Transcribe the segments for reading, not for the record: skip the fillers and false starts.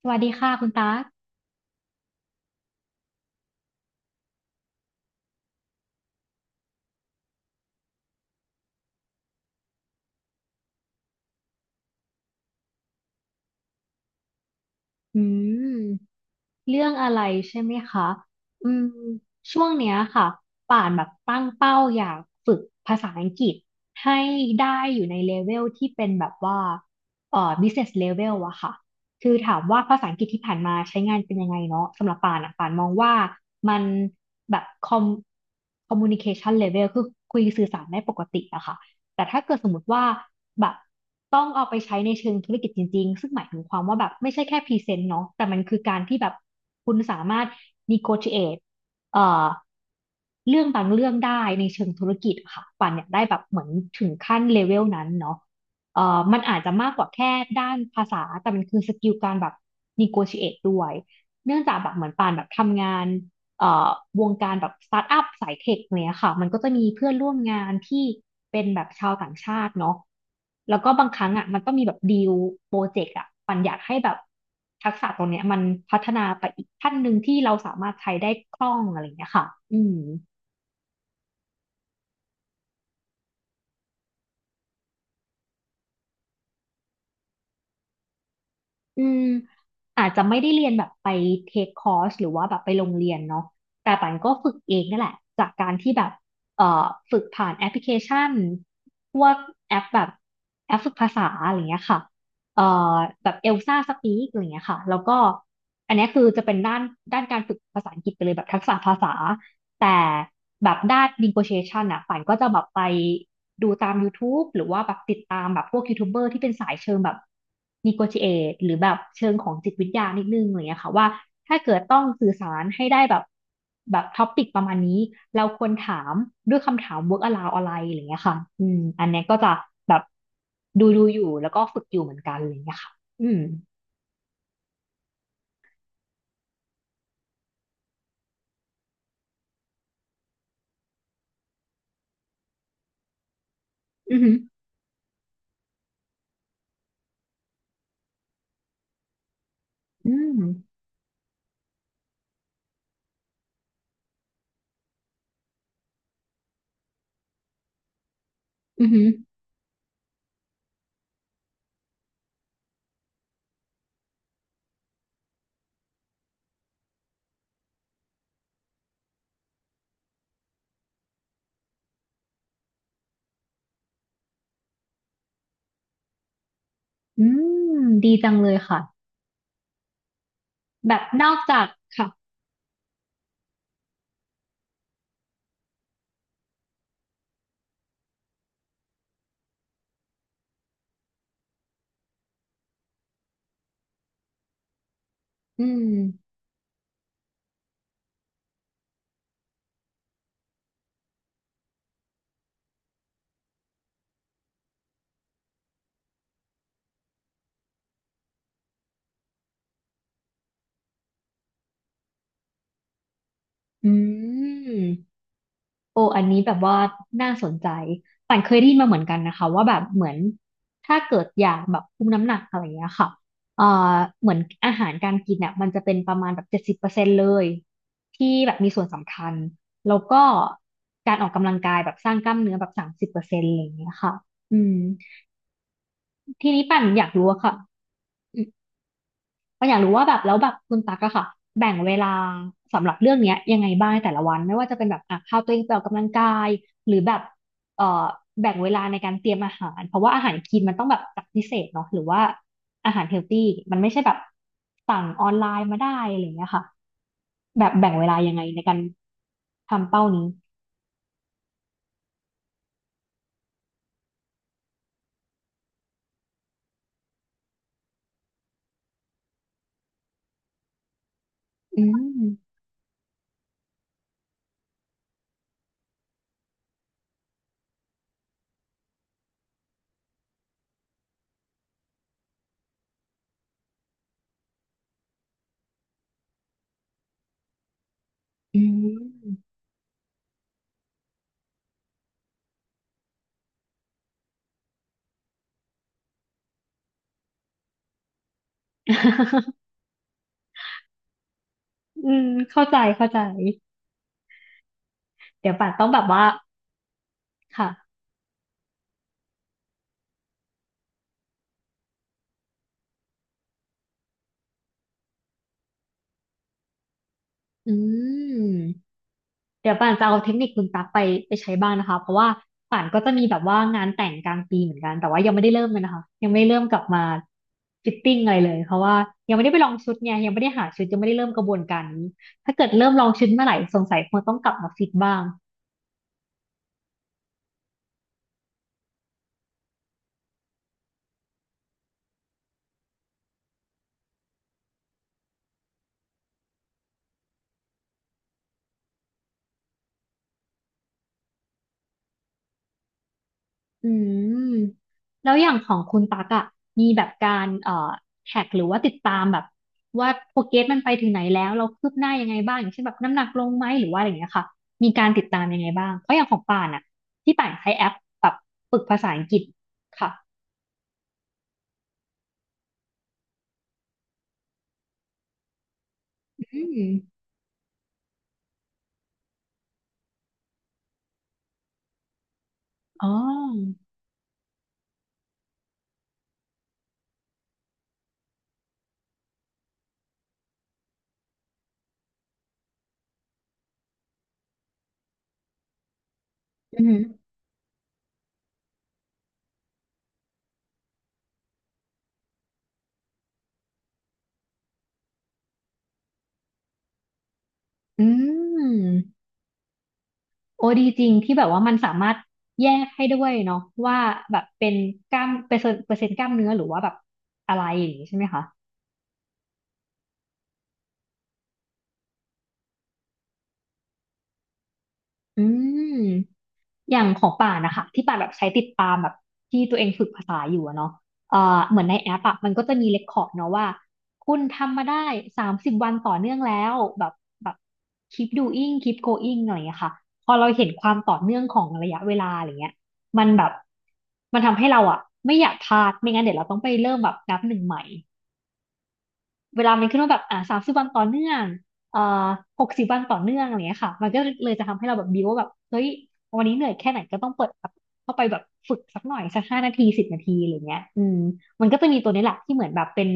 สวัสดีค่ะคุณตั๊กอืมเรื่องอะไรใช่ไหมคะอืมช่วงเนี้ยค่ะป่านแบบตั้งเป้าอยากฝึกภาษาอังกฤษให้ได้อยู่ในเลเวลที่เป็นแบบว่าbusiness level อะค่ะ คือถามว่าภาษาอังกฤษที่ผ่านมาใช้งานเป็นยังไงเนาะสำหรับป่านอะป่านมองว่ามันแบบ communication level คือคุยสื่อสารได้ปกติอะค่ะ แต่ถ้าเกิดสมมติว่าแบบต้องเอาไปใช้ในเชิงธุรกิจจริงๆซึ่งหมายถึงความว่าแบบไม่ใช่แค่พรีเซนต์เนาะแต่มันคือการที่แบบคุณสามารถ negotiate เอ่อเรื่องบางเรื่องได้ในเชิงธุรกิจอะค่ะปันเนี่ยได้แบบเหมือนถึงขั้นเลเวลนั้นเนาะมันอาจจะมากกว่าแค่ด้านภาษาแต่มันคือสกิลการแบบ negotiate ด้วยเนื่องจากแบบเหมือนปานแบบทำงาน เอ่อวงการแบบสตาร์ทอัพสายเทคเนี้ยค่ะมันก็จะมีเพื่อนร่วมงานที่เป็นแบบชาวต่างชาติเนาะแล้วก็บางครั้งอ่ะมันก็มีแบบดีลโปรเจกต์อ่ะปันอยากให้แบบทักษะตรงเนี้ยมันพัฒนาไปอีกขั้นหนึ่งที่เราสามารถใช้ได้คล่องอะไรอย่างเงี้ยค่ะอืม อืมอาจจะไม่ได้เรียนแบบไปเทคคอร์สหรือว่าแบบไปโรงเรียนเนาะแต่ปันก็ฝึกเองนี่นแหละจากการที่แบบเอ่อฝึกผ่านแอปพลิเคชันพวกแอปแบบแอปฝึกภาษาอะไรเงี้ยค่ะเอ่อแบบเอลซ่าสปีกอะไรเงี้ยค่ะแล้วก็อันเนี้ยคือจะเป็นด้านการฝึกภาษาอังกฤษไปเลยแบบทักษะภาษา แต่แบบด้าน negotiation อ่ะป่านก็จะแบบไปดูตาม YouTube หรือว่าแบบติดตามแบบพวกยูทูบเบอร์ที่เป็นสายเชิงแบบ negotiate หรือแบบเชิงของจิตวิทยานิดนึงอะไรเงี้ยค่ะว่าถ้าเกิดต้องสื่อสารให้ได้แบบแบบท็อปิกประมาณนี้เราควรถามด้วยคำถาม work around อะไรอะไรเงี้ยค่ะอืมอันเนี้ยก็จะแบบดูอยู่แล้วก็ฝึกอยู่เหมือนกันอะไรเงี้ยค่ะอืมอือหืออืมอือหืออืมดีจังเลยค่ะแบบนอกจากค่ะ อืมอืมโอ้อันนี้แบบว่าน่าสนใจป่านเคยได้ยินมาเหมือนกันนะคะว่าแบบเหมือนถ้าเกิดอยากแบบคุมน้ำหนักอะไรอย่างเงี้ยค่ะเอ่อเหมือนอาหารการกินเนี่ยมันจะเป็นประมาณแบบ70%เลยที่แบบมีส่วนสำคัญแล้วก็การออกกำลังกายแบบสร้างกล้ามเนื้อแบบ30%อะไรอย่างเงี้ยค่ะอืมทีนี้ป่านอยากรู้อะค่ะ ก็อยากรู้ว่าแบบแล้วแบบคุณตั๊กอะค่ะแบ่งเวลาสำหรับเรื่องเนี้ยยังไงบ้างในแต่ละวันไม่ว่าจะเป็นแบบอ่ะพาตัวเองไปออกกำลังกายหรือแบบเอ่อแบ่งเวลาในการเตรียมอาหารเพราะว่าอาหารคลีนมันต้องแบบจัดพิเศษเนาะหรือว่าอาหารเฮลตี้มันไม่ใช่แบบสั่งออนไลน์มาได้อะไรอย่างเงี้ยค่ะแบบแบ่งเวลายังไงในการทำเป้านี้อืมอืม อืมเข้าใจเข้าใจเดี๋ยวป่านต้องแบบว่าค่ะอืม เดี๋ยวป่านจะเอาเทคนิคคุณตั๊กไปใช้บ้างนะคะเพราะว่าป่านก็จะมีแบบว่างานแต่งกลางปีเหมือนกันแต่ว่ายังไม่ได้เริ่มเลยนะคะยังไม่ได้เริ่มกลับมาฟิตติ้งอะไรเลยเพราะว่ายังไม่ได้ไปลองชุดไงยังไม่ได้หาชุดยังไม่ได้เริ่มกระบวนการนี้ถ้าเกิดเริ่มลองชุดเมื่อไหร่สงสัยคงต้องกลับมาฟิตบ้าง อืมแล้วอย่างของคุณตักอะมีแบบการแท็กหรือว่าติดตามแบบว่าโปรเกรสมันไปถึงไหนแล้วเราคืบหน้ายังไงบ้างอย่างเช่นแบบน้ำหนักลงไหมหรือว่าอะไรอย่างเงี้ยค่ะมีการติดตามยังไงบ้างเพราะอย่างของป่านอะที่ป่านใช้แอปแบบฝึกภาษาอังกฤษค่ะอืมอ๋ออืมอืมโอ้ดีจริงที่แบบว่ามันสามารถแยกให้ด้วยเนาะว่าแบบเป็นกล้ามเปอร์เซ็นต์กล้ามเนื้อหรือว่าแบบอะไรอย่างงี้ใช่ไหมคะอืม อย่างของป่านนะคะที่ป่านแบบใช้ติดตามแบบที่ตัวเองฝึกภาษาอยู่อะเนาะเอ่อเหมือนในแอปอะมันก็จะมีเรคคอร์ดเนาะว่าคุณทำมาได้สามสิบวันต่อเนื่องแล้วแบบ keep doing keep going อะไรอย่างเงี้ยค่ะพอเราเห็นความต่อเนื่องของระยะเวลาอะไรเงี้ยมันแบบมันทำให้เราอะไม่อยากพลาดไม่งั้นเดี๋ยวเราต้องไปเริ่มแบบนับหนึ่งใหม่ เวลามันขึ้นว่าแบบสามสิบวันต่อเนื่องเอ่อ60วันต่อเนื่องอะไรเงี้ยค่ะมันก็เลยจะทำให้เราแบบบิวว่าแบบเฮ้ยวันนี้เหนื่อยแค่ไหนก็ต้องเปิดแบบเข้าไปแบบฝึกสักหน่อยสัก5นาทีสิบนาทีอะไรเงี้ยอืมมันก็จะมีตัวนี้แหละที่เหมือนแบบเป็น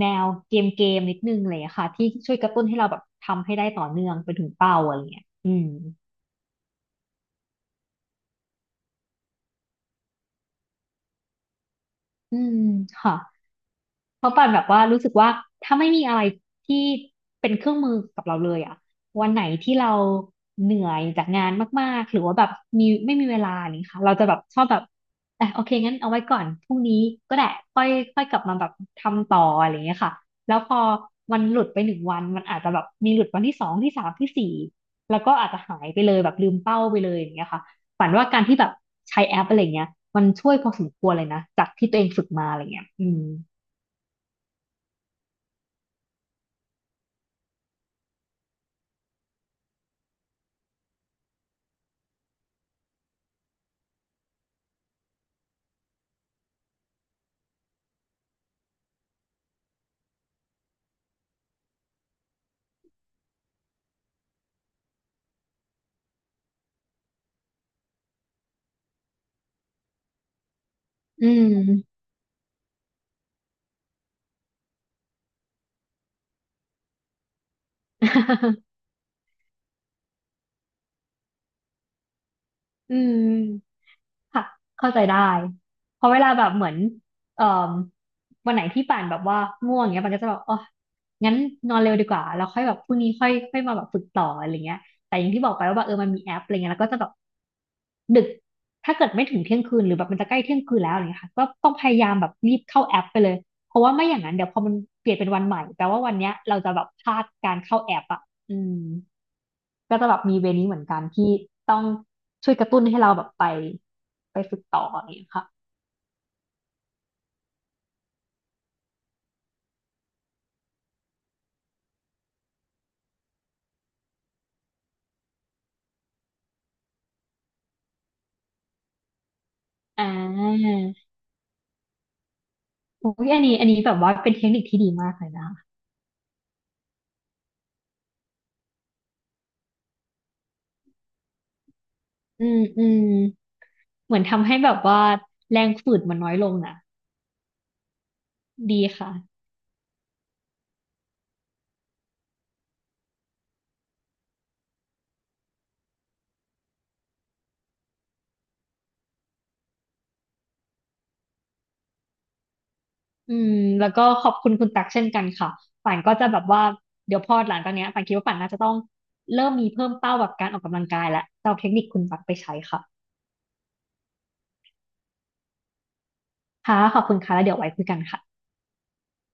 แนวเกมนิดนึงอะไรเลยค่ะที่ช่วยกระตุ้นให้เราแบบทำให้ได้ต่อเนื่องไปถึงเป้าอะไรเงี้ยอืมอืมค่ะ เพราะป่านแบบว่ารู้สึกว่าถ้าไม่มีอะไรที่เป็นเครื่องมือกับเราเลยอะวันไหนที่เราเหนื่อยจากงานมากๆหรือว่าแบบไม่มีเวลานี่ค่ะเราจะแบบชอบแบบอ่ะโอเคงั้นเอาไว้ก่อนพรุ่งนี้ก็ได้ค่อยค่อยกลับมาแบบทำต่ออะไรอย่างเงี้ยค่ะแล้วพอมันหลุดไปหนึ่งวันมันอาจจะแบบมีหลุดวันที่สองที่สามที่สี่แล้วก็อาจจะหายไปเลยแบบลืมเป้าไปเลยอย่างเงี้ยค่ะฝันว่าการที่แบบใช้แอปอะไรเงี้ยมันช่วยพอสมควรเลยนะจากที่ตัวเองฝึกมาอะไรเงี้ยอืม อืม อืมค่ะเข้าใจได้ เพราะเวลาแบบเหมือนเอ่อวันไหนที่ป่านแบบว่าง่วงเงี้ยป่านก็จะแบบอ๋องั้นนอนเร็วดีกว่าแล้วค่อยแบบพรุ่งนี้ค่อยค่อยมาแบบฝึกต่ออะไรเงี้ยแต่อย่างที่บอกไปว่าแบบเออมันมีแอปอะไรเงี้ยแล้วก็จะแบบดึกถ้าเกิดไม่ถึงเที่ยงคืนหรือแบบมันจะใกล้เที่ยงคืนแล้วอะไรเงี้ยค่ะก็ต้องพยายามแบบรีบเข้าแอปไปเลยเพราะว่าไม่อย่างนั้นเดี๋ยวพอมันเปลี่ยนเป็นวันใหม่แปลว่าวันเนี้ยเราจะแบบพลาดการเข้าแอปอ่ะอืม ก็จะแบบมีเวนี้เหมือนกันที่ต้องช่วยกระตุ้นให้เราแบบไปฝึกต่ออย่างเงี้ยค่ะอ่าโอ้ยอันนี้แบบว่าเป็นเทคนิคที่ดีมากเลยนะคะอืมอืมเหมือนทำให้แบบว่าแรงฝืดมันน้อยลงนะดีค่ะอืมแล้วก็ขอบคุณคุณตักเช่นกันค่ะป่านก็จะแบบว่าเดี๋ยวพอหลังจากเนี้ยป่านคิดว่าป่านน่าจะต้องเริ่มมีเพิ่มเป้าแบบการออกกำลังกายและจะเอาเทคนิคคุณตักไปใช้ค่ะค่ะขอบคุณค่ะแล้วเดี๋ยวไว้คุยกันค่ะ